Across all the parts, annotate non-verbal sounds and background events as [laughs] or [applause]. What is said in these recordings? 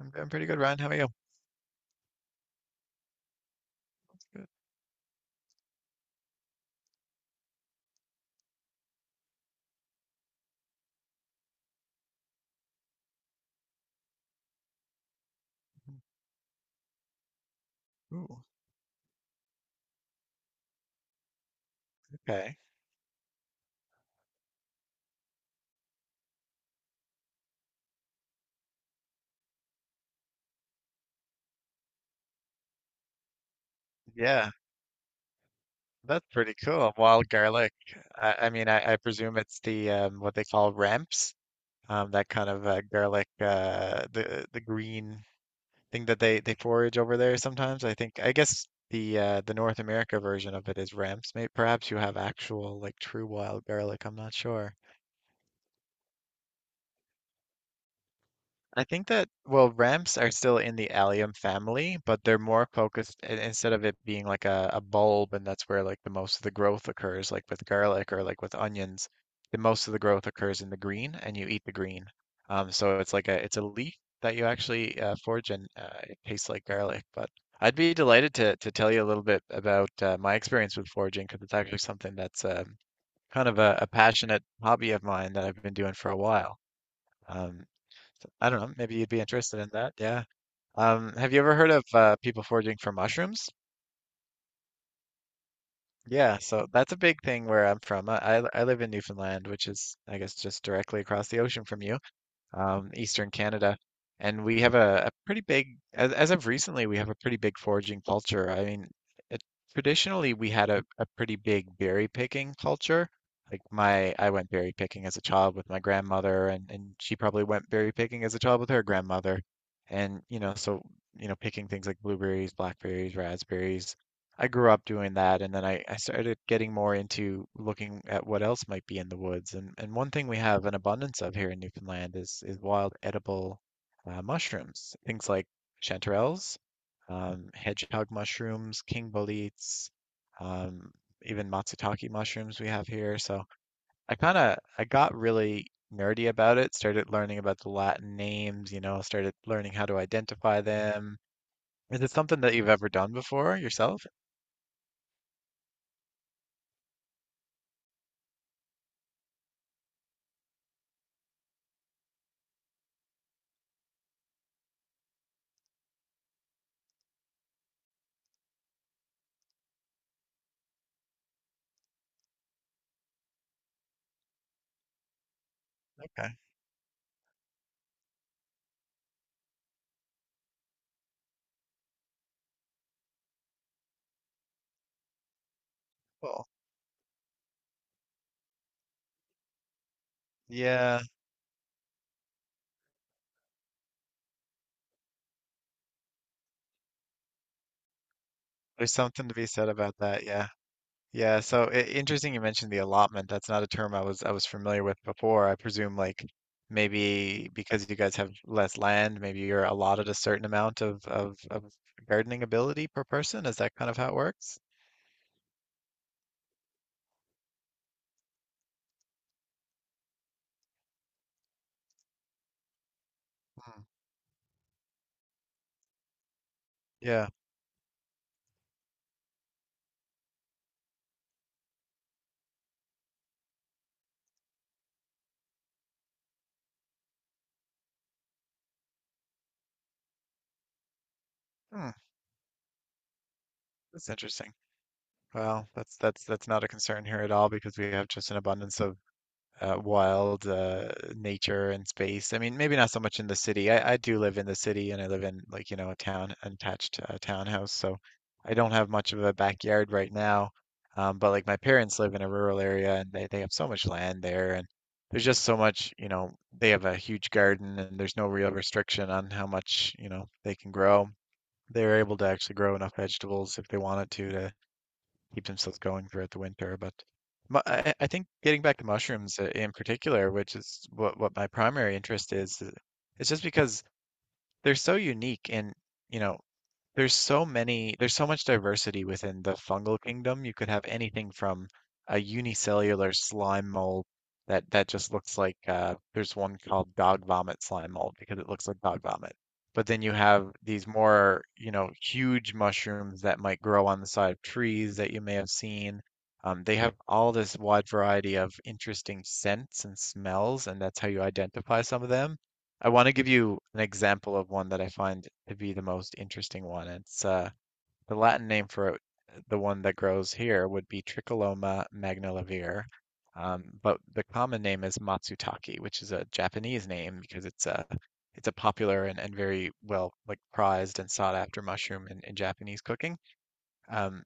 I'm doing pretty good, Ryan. How are you? Good. Ooh, okay. Yeah, that's pretty cool. Wild garlic. I mean, I presume it's the what they call ramps, that kind of garlic, the green thing that they forage over there sometimes. I think I guess the North America version of it is ramps. Maybe perhaps you have actual like true wild garlic. I'm not sure. I think that, well, ramps are still in the allium family, but they're more focused instead of it being like a bulb, and that's where like the most of the growth occurs, like with garlic or like with onions, the most of the growth occurs in the green and you eat the green. So it's like a it's a leaf that you actually forage, and it tastes like garlic. But I'd be delighted to tell you a little bit about my experience with foraging, because it's actually something that's kind of a passionate hobby of mine that I've been doing for a while. Um, so, I don't know. Maybe you'd be interested in that. Yeah. Have you ever heard of people foraging for mushrooms? Yeah. So that's a big thing where I'm from. I live in Newfoundland, which is, I guess, just directly across the ocean from you. Eastern Canada. And we have a pretty big, as of recently, we have a pretty big foraging culture. I mean, it, traditionally, we had a pretty big berry picking culture. Like my, I went berry picking as a child with my grandmother, and she probably went berry picking as a child with her grandmother. And, you know, so, you know, picking things like blueberries, blackberries, raspberries, I grew up doing that, and then I started getting more into looking at what else might be in the woods. And one thing we have an abundance of here in Newfoundland is wild edible mushrooms, things like chanterelles, hedgehog mushrooms, king boletes, um, even matsutake mushrooms we have here. So I kind of I got really nerdy about it, started learning about the Latin names, you know, started learning how to identify them. Is it something that you've ever done before yourself? Okay, cool. Yeah, there's something to be said about that. Yeah. Yeah, so I interesting you mentioned the allotment. That's not a term I was familiar with before. I presume like maybe because you guys have less land, maybe you're allotted a certain amount of gardening ability per person. Is that kind of how it works? Hmm. Yeah. Hmm. That's interesting. Well, that's that's not a concern here at all, because we have just an abundance of wild nature and space. I mean, maybe not so much in the city. I do live in the city, and I live in like, you know, a town, an attached townhouse. So I don't have much of a backyard right now. But like my parents live in a rural area, and they have so much land there, and there's just so much, you know, they have a huge garden, and there's no real restriction on how much, you know, they can grow. They're able to actually grow enough vegetables if they wanted to keep themselves going throughout the winter. But I think getting back to mushrooms in particular, which is what my primary interest is, it's just because they're so unique, and you know there's so many, there's so much diversity within the fungal kingdom. You could have anything from a unicellular slime mold that just looks like there's one called dog vomit slime mold because it looks like dog vomit. But then you have these more, you know, huge mushrooms that might grow on the side of trees that you may have seen. They have all this wide variety of interesting scents and smells, and that's how you identify some of them. I want to give you an example of one that I find to be the most interesting one. It's The Latin name for it, the one that grows here, would be Tricholoma magnivelare, but the common name is Matsutake, which is a Japanese name because it's a popular and very well like prized and sought after mushroom in Japanese cooking. Um,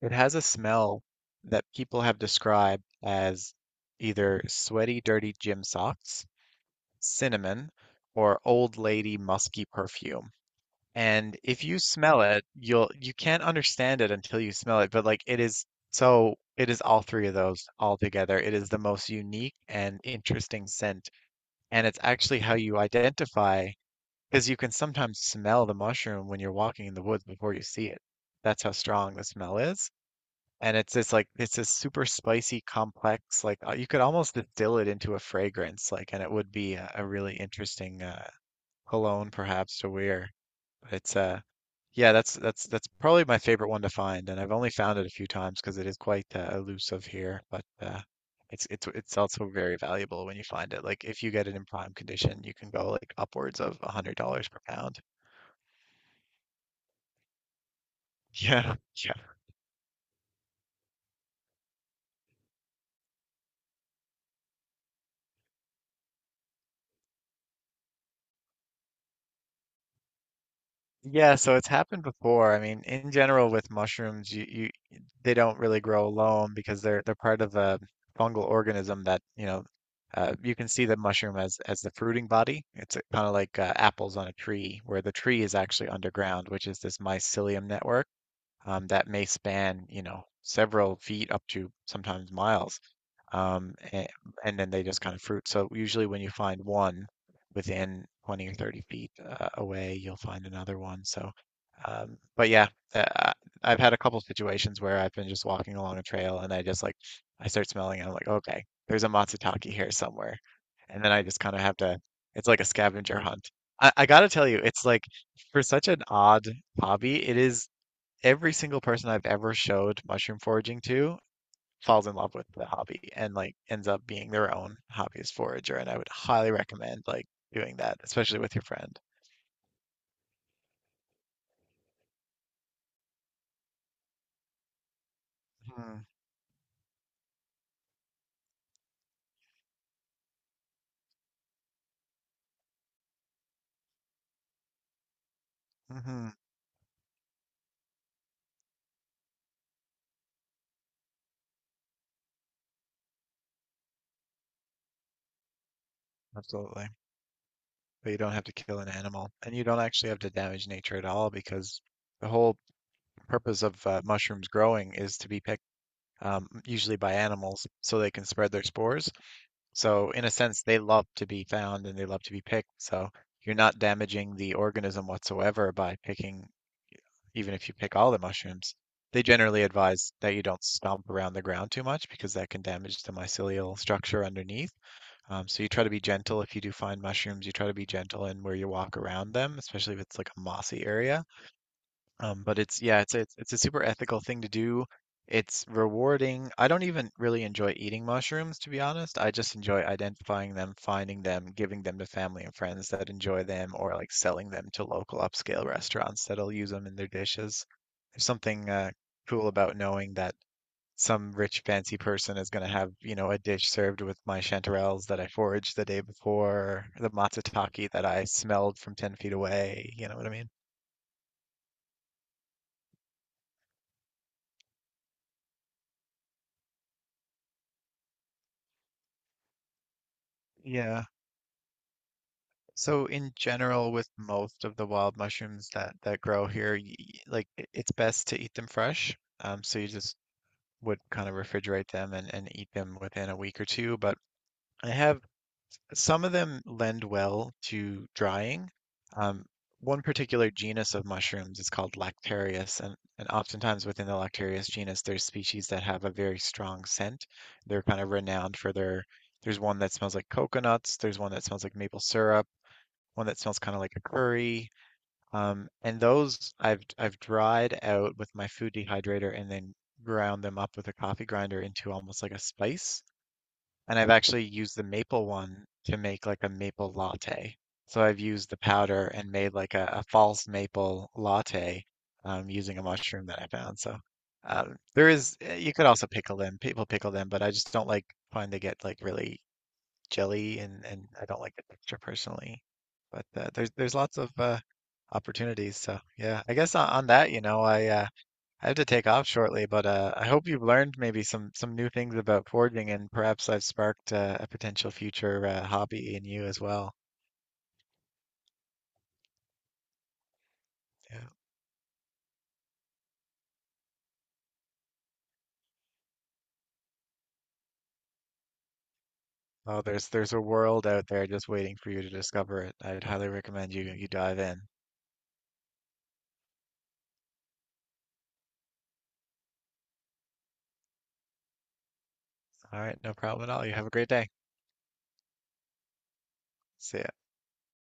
it has a smell that people have described as either sweaty, dirty gym socks, cinnamon, or old lady musky perfume. And if you smell it, you can't understand it until you smell it, but like it is, so it is all three of those all together. It is the most unique and interesting scent, and it's actually how you identify, because you can sometimes smell the mushroom when you're walking in the woods before you see it. That's how strong the smell is. And it's this like it's this super spicy, complex like you could almost distill it into a fragrance like, and it would be a really interesting Cologne perhaps to Weir. But it's Yeah, that's that's probably my favorite one to find, and I've only found it a few times because it is quite elusive here. But It's it's also very valuable when you find it. Like if you get it in prime condition, you can go like upwards of $100 per pound. [laughs] Yeah, yeah. Yeah, so it's happened before. I mean, in general with mushrooms, you they don't really grow alone because they're part of a fungal organism that, you know, you can see the mushroom as the fruiting body. It's kind of like apples on a tree, where the tree is actually underground, which is this mycelium network, that may span, you know, several feet up to sometimes miles, um, and, and then they just kind of fruit. So usually when you find one within 20 or 30 feet away, you'll find another one. So, but Yeah, uh, I- have had a couple situations where I've been just walking along a trail and I just like, I start smelling and I'm like, okay, there's a matsutake here somewhere. And then I just kind of have to, it's like a scavenger hunt. I gotta tell you, it's like, for such an odd hobby, it is every single person I've ever showed mushroom foraging to falls in love with the hobby and like ends up being their own hobbyist forager. And I would highly recommend like doing that, especially with your friend. Mm-hmm. Mm-hmm. Absolutely. But you don't have to kill an animal, and you don't actually have to damage nature at all, because the whole purpose of mushrooms growing is to be picked, usually by animals, so they can spread their spores. So in a sense, they love to be found and they love to be picked. So you're not damaging the organism whatsoever by picking. Even if you pick all the mushrooms, they generally advise that you don't stomp around the ground too much, because that can damage the mycelial structure underneath. So you try to be gentle if you do find mushrooms. You try to be gentle in where you walk around them, especially if it's like a mossy area. But it's Yeah, it's it's a super ethical thing to do. It's rewarding. I don't even really enjoy eating mushrooms, to be honest. I just enjoy identifying them, finding them, giving them to family and friends that enjoy them, or like selling them to local upscale restaurants that'll use them in their dishes. There's something cool about knowing that some rich fancy person is going to have, you know, a dish served with my chanterelles that I foraged the day before, the matsutake that I smelled from 10 feet away. You know what I mean? Yeah. So in general, with most of the wild mushrooms that grow here, it's best to eat them fresh. You just would kind of refrigerate them and eat them within a week or two. But I have some of them lend well to drying. Um, one particular genus of mushrooms is called Lactarius, and oftentimes within the Lactarius genus, there's species that have a very strong scent. They're kind of renowned for their, there's one that smells like coconuts, there's one that smells like maple syrup, one that smells kind of like a curry. And those I've dried out with my food dehydrator and then ground them up with a coffee grinder into almost like a spice. And I've actually used the maple one to make like a maple latte. So I've used the powder and made like a false maple latte, using a mushroom that I found. There is, you could also pickle them. People pickle them, but I just don't like find they get like really jelly, and I don't like the texture personally. But There's lots of opportunities. So yeah, I guess on that, you know, I have to take off shortly, but I hope you've learned maybe some new things about forging, and perhaps I've sparked a potential future hobby in you as well. Yeah. Oh, there's a world out there just waiting for you to discover it. I'd highly recommend you dive in. All right, no problem at all. You have a great day. See ya.